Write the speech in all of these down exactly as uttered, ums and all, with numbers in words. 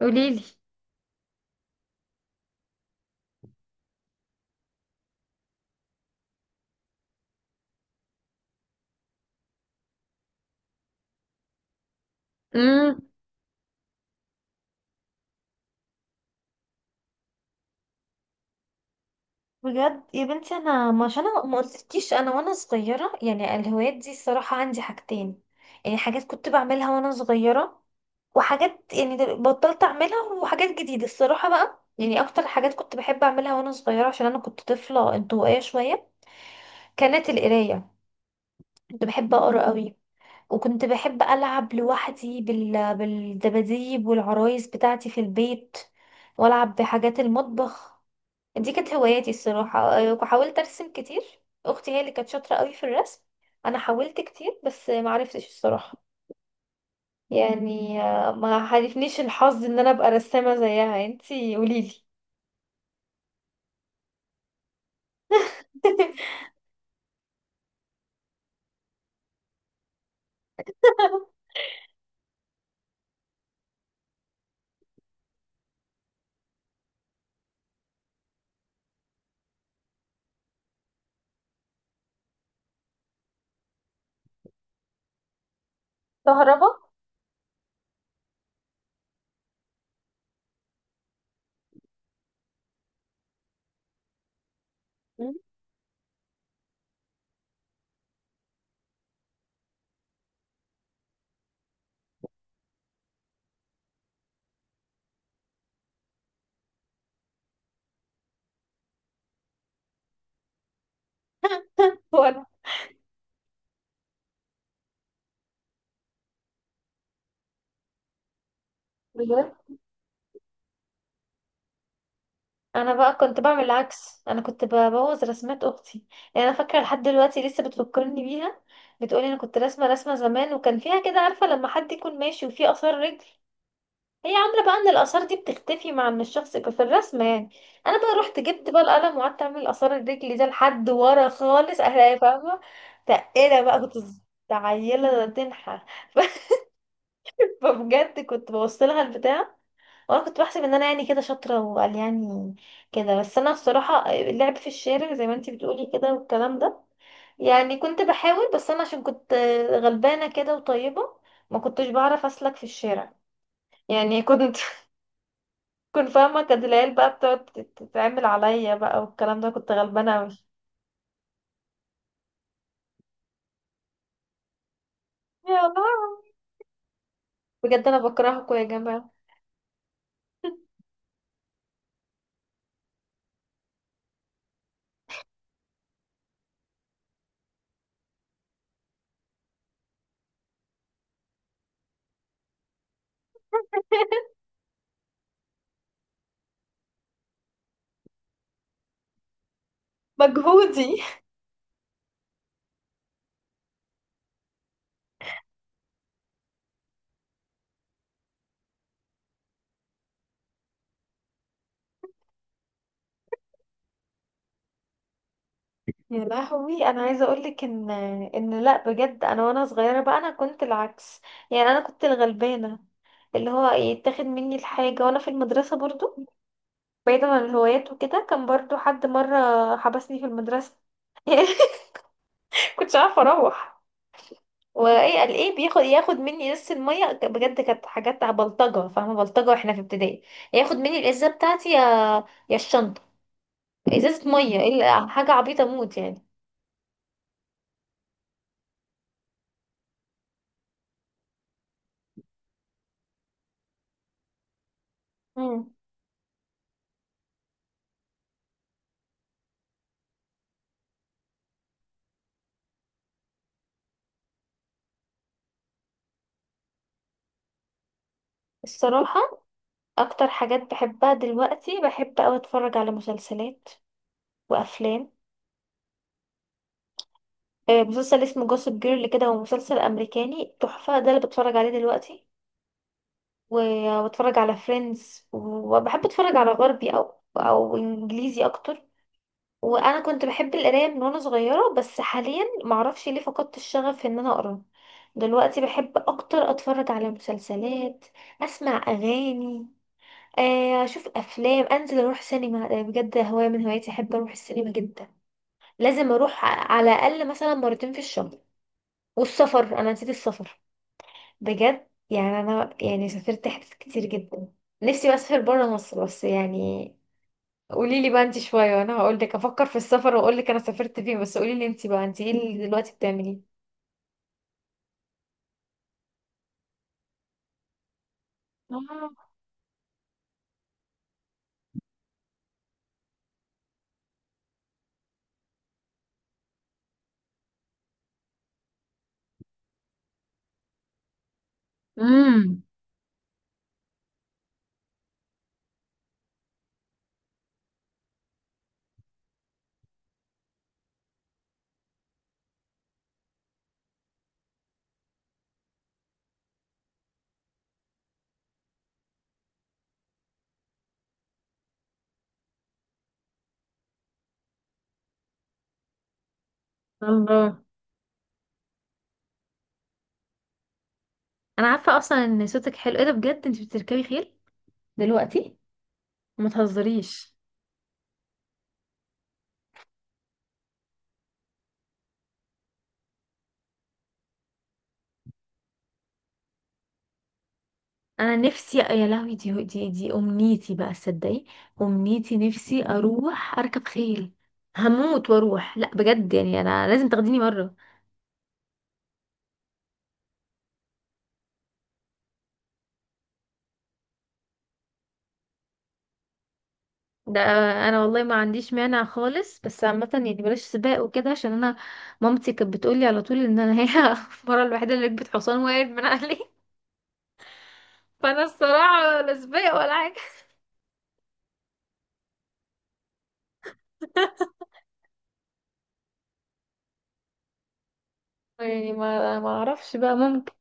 قوليلي. امم بجد يا بنتي، انا ما عشان انا ما قلتلكيش انا وانا صغيره، يعني الهوايات دي الصراحه عندي حاجتين. يعني حاجات كنت بعملها وانا صغيره، وحاجات يعني دل- بطلت اعملها، وحاجات جديده. الصراحه بقى يعني اكتر حاجات كنت بحب اعملها وانا صغيره عشان انا كنت طفله انطوائيه شويه، كانت القرايه. كنت بحب اقرا قوي، وكنت بحب العب لوحدي بال... بالدباديب والعرايس بتاعتي في البيت، والعب بحاجات المطبخ. دي كانت هواياتي الصراحة. آه، وحاولت أرسم كتير. أختي هي اللي كانت شاطرة قوي في الرسم. أنا حاولت كتير بس ما عرفتش الصراحة. يعني آه، ما حالفنيش الحظ إن أنا أبقى رسامة زيها. انتي قوليلي. كهربا. مم. وأنا بجد أنا بقى كنت بعمل العكس، أنا كنت ببوظ رسمات أختي. يعني أنا فاكرة لحد دلوقتي لسه بتفكرني بيها. بتقولي أنا كنت راسمة رسمة زمان، وكان فيها كده، عارفة لما حد يكون ماشي وفيه آثار رجل، هي عاملة بقى ان الآثار دي بتختفي مع ان الشخص يبقى في الرسمة يعني. انا بقى رحت جبت بقى القلم وقعدت اعمل آثار الرجل ده لحد ورا خالص اهلاقي، فاهمة؟ تقيلة بقى. كنت ز- عيلة تنحى ف- فبجد كنت بوصلها البتاع. وانا كنت بحسب ان انا يعني كده شاطرة وقال، يعني كده. بس انا بصراحة اللعب في الشارع زي ما انتي بتقولي كده والكلام ده، يعني كنت بحاول بس انا عشان كنت غلبانة كده وطيبة، ما كنتش بعرف اسلك في الشارع. يعني كنت كنت فاهمة، كانت العيال بقى بتقعد تت- تتعمل عليا بقى والكلام ده. كنت غلبانة اوي. يا لهوي، بجد انا بكرهكم يا جماعة. مجهودي. يا لهوي، انا عايزه اقولك ان ان لا بجد، انا وانا صغيره بقى انا كنت العكس. يعني انا كنت الغلبانه، اللي هو يتاخد مني الحاجه. وانا في المدرسه برضو، بعيدا عن الهوايات وكده، كان برضو حد مره حبسني في المدرسه. كنتش عارفه اروح. وايه قال ايه، بياخد ياخد مني ازازه الميه، ك- بجد كانت حاجات بلطجه، فاهمه؟ بلطجه واحنا في ابتدائي. ياخد مني الازازه بتاعتي يا يا الشنطه. ازازه ميه، ايه اللي- حاجه عبيطه موت يعني. مم. الصراحه اكتر حاجات بحبها دلوقتي، بحب اوي اتفرج على مسلسلات وافلام. آه، مسلسل اسمه جوسب جيرل كده، هو مسلسل امريكاني تحفه، ده اللي بتفرج عليه دلوقتي. وبتفرج على فريندز، وبحب اتفرج على غربي او او انجليزي اكتر. وانا كنت بحب القرايه من وانا صغيره، بس حاليا معرفش ليه فقدت الشغف ان انا اقرا. دلوقتي بحب اكتر اتفرج على مسلسلات، اسمع اغاني، آه، اشوف افلام، انزل اروح سينما. ده بجد هوايه من هواياتي، احب اروح السينما جدا. لازم اروح ع- على الاقل مثلا مرتين في الشهر. والسفر، انا نسيت السفر. بجد يعني انا يعني سافرت حتت كتير جدا. نفسي بسافر بره مصر، بس يعني قولي لي بقى انت شويه وانا هقول لك. افكر في السفر واقول لك انا سافرت فين، بس قولي لي انت بقى، انت ايه اللي دلوقتي بتعمليه. آه. امم. الله. انا عارفه اصلا ان صوتك حلو، ايه ده بجد انت بتركبي خيل دلوقتي؟ ما تهزريش. انا نفسي، يا لهوي، دي دي دي امنيتي بقى، تصدقي؟ امنيتي نفسي اروح اركب خيل. هموت واروح، لا بجد يعني انا لازم تاخديني مره. ده انا والله ما عنديش مانع خالص، بس عامه يعني بلاش سباق وكده، عشان انا مامتي كانت بتقولي على طول ان انا هي المره الوحيده اللي ركبت حصان وقعت من عليه. فانا الصراحه لا سباق ولا حاجه. يعني ما ما اعرفش بقى، ممكن.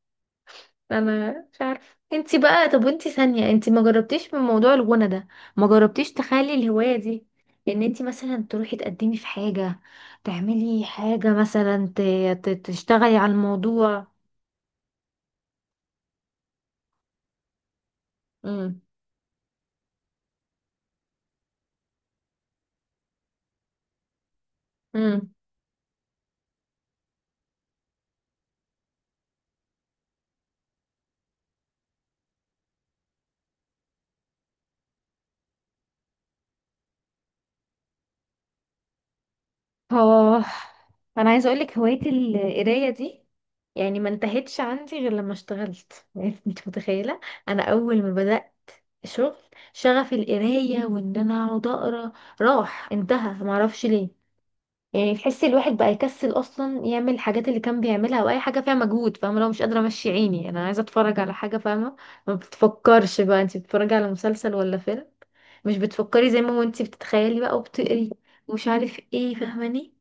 انا مش عارفه. انتي بقى، طب وانتي ثانيه انتي ما جربتيش من موضوع الغنى ده؟ ما جربتيش تخلي الهوايه دي، ان انتي مثلا تروحي تقدمي في حاجه، تعملي حاجه مثلا ت- ت- تشتغلي على الموضوع. امم. اه، انا عايزه اقول لك، هوايه القرايه دي يعني ما انتهتش عندي غير لما اشتغلت. يعني انت متخيله، انا اول ما بدات شغل، شغف القرايه وان انا اقعد اقرا راح انتهى. ما اعرفش ليه. يعني تحسي الواحد بقى يكسل اصلا يعمل الحاجات اللي كان بيعملها او اي حاجه فيها مجهود، فاهمه؟ لو مش قادره امشي عيني، يعني انا عايزه اتفرج على حاجه، فاهمه؟ ما بتفكرش بقى انت بتتفرجي على مسلسل ولا فيلم، مش بتفكري زي ما هو انت بتتخيلي بقى وبتقري ومش عارف ايه، فاهماني؟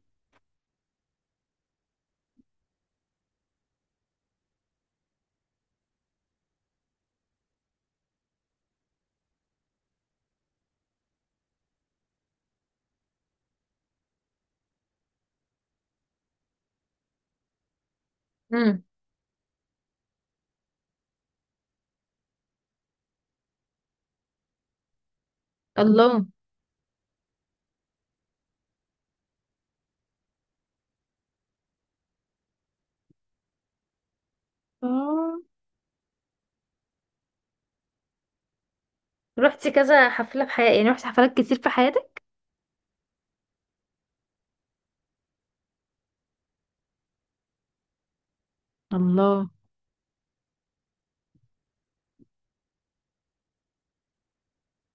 الله. اه. رحتي كذا حفلة في حياتك؟ يعني رحتي حفلات كتير في حياتك؟ الله.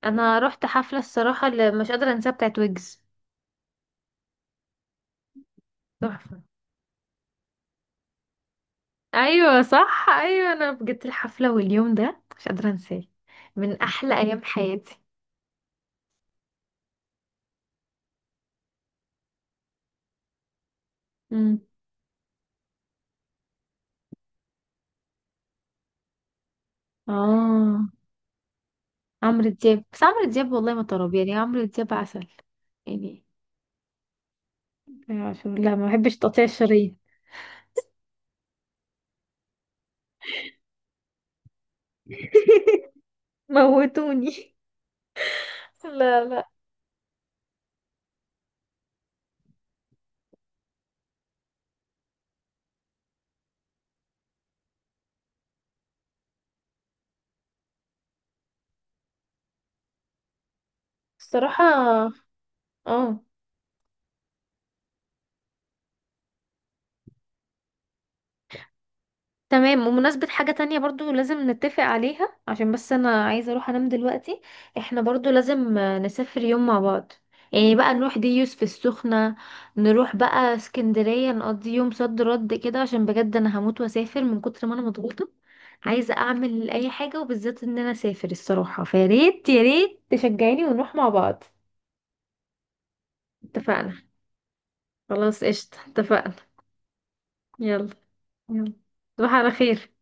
انا رحت حفلة الصراحة اللي مش قادرة انساها، بتاعت ويجز. تحفة. ايوه صح، ايوه انا بجد الحفلة واليوم ده مش قادرة انساه، من احلى ايام حياتي. امم. اه. عمرو دياب، بس عمرو دياب والله ما طرب، يعني عمرو دياب عسل يعني. عشان لا، ما بحبش تقطيع الشرايين. موتوني. لا لا. الصراحة. اه. تمام، ومناسبة حاجة تانية برضو لازم نتفق عليها، عشان بس أنا عايزة أروح أنام دلوقتي. احنا برضو لازم آه، نسافر يوم مع بعض. يعني بقى نروح ديوس في السخنة، نروح بقى اسكندرية، نقضي يوم صد رد كده، عشان بجد أنا هموت وأسافر من كتر ما أنا مضغوطة. عايزة أعمل أي حاجة، وبالذات إن أنا أسافر الصراحة، فياريت ياريت تشجعيني ونروح مع بعض. اتفقنا. خلاص قشطة، اتفقنا. يلا. يلا. تصبح على خير.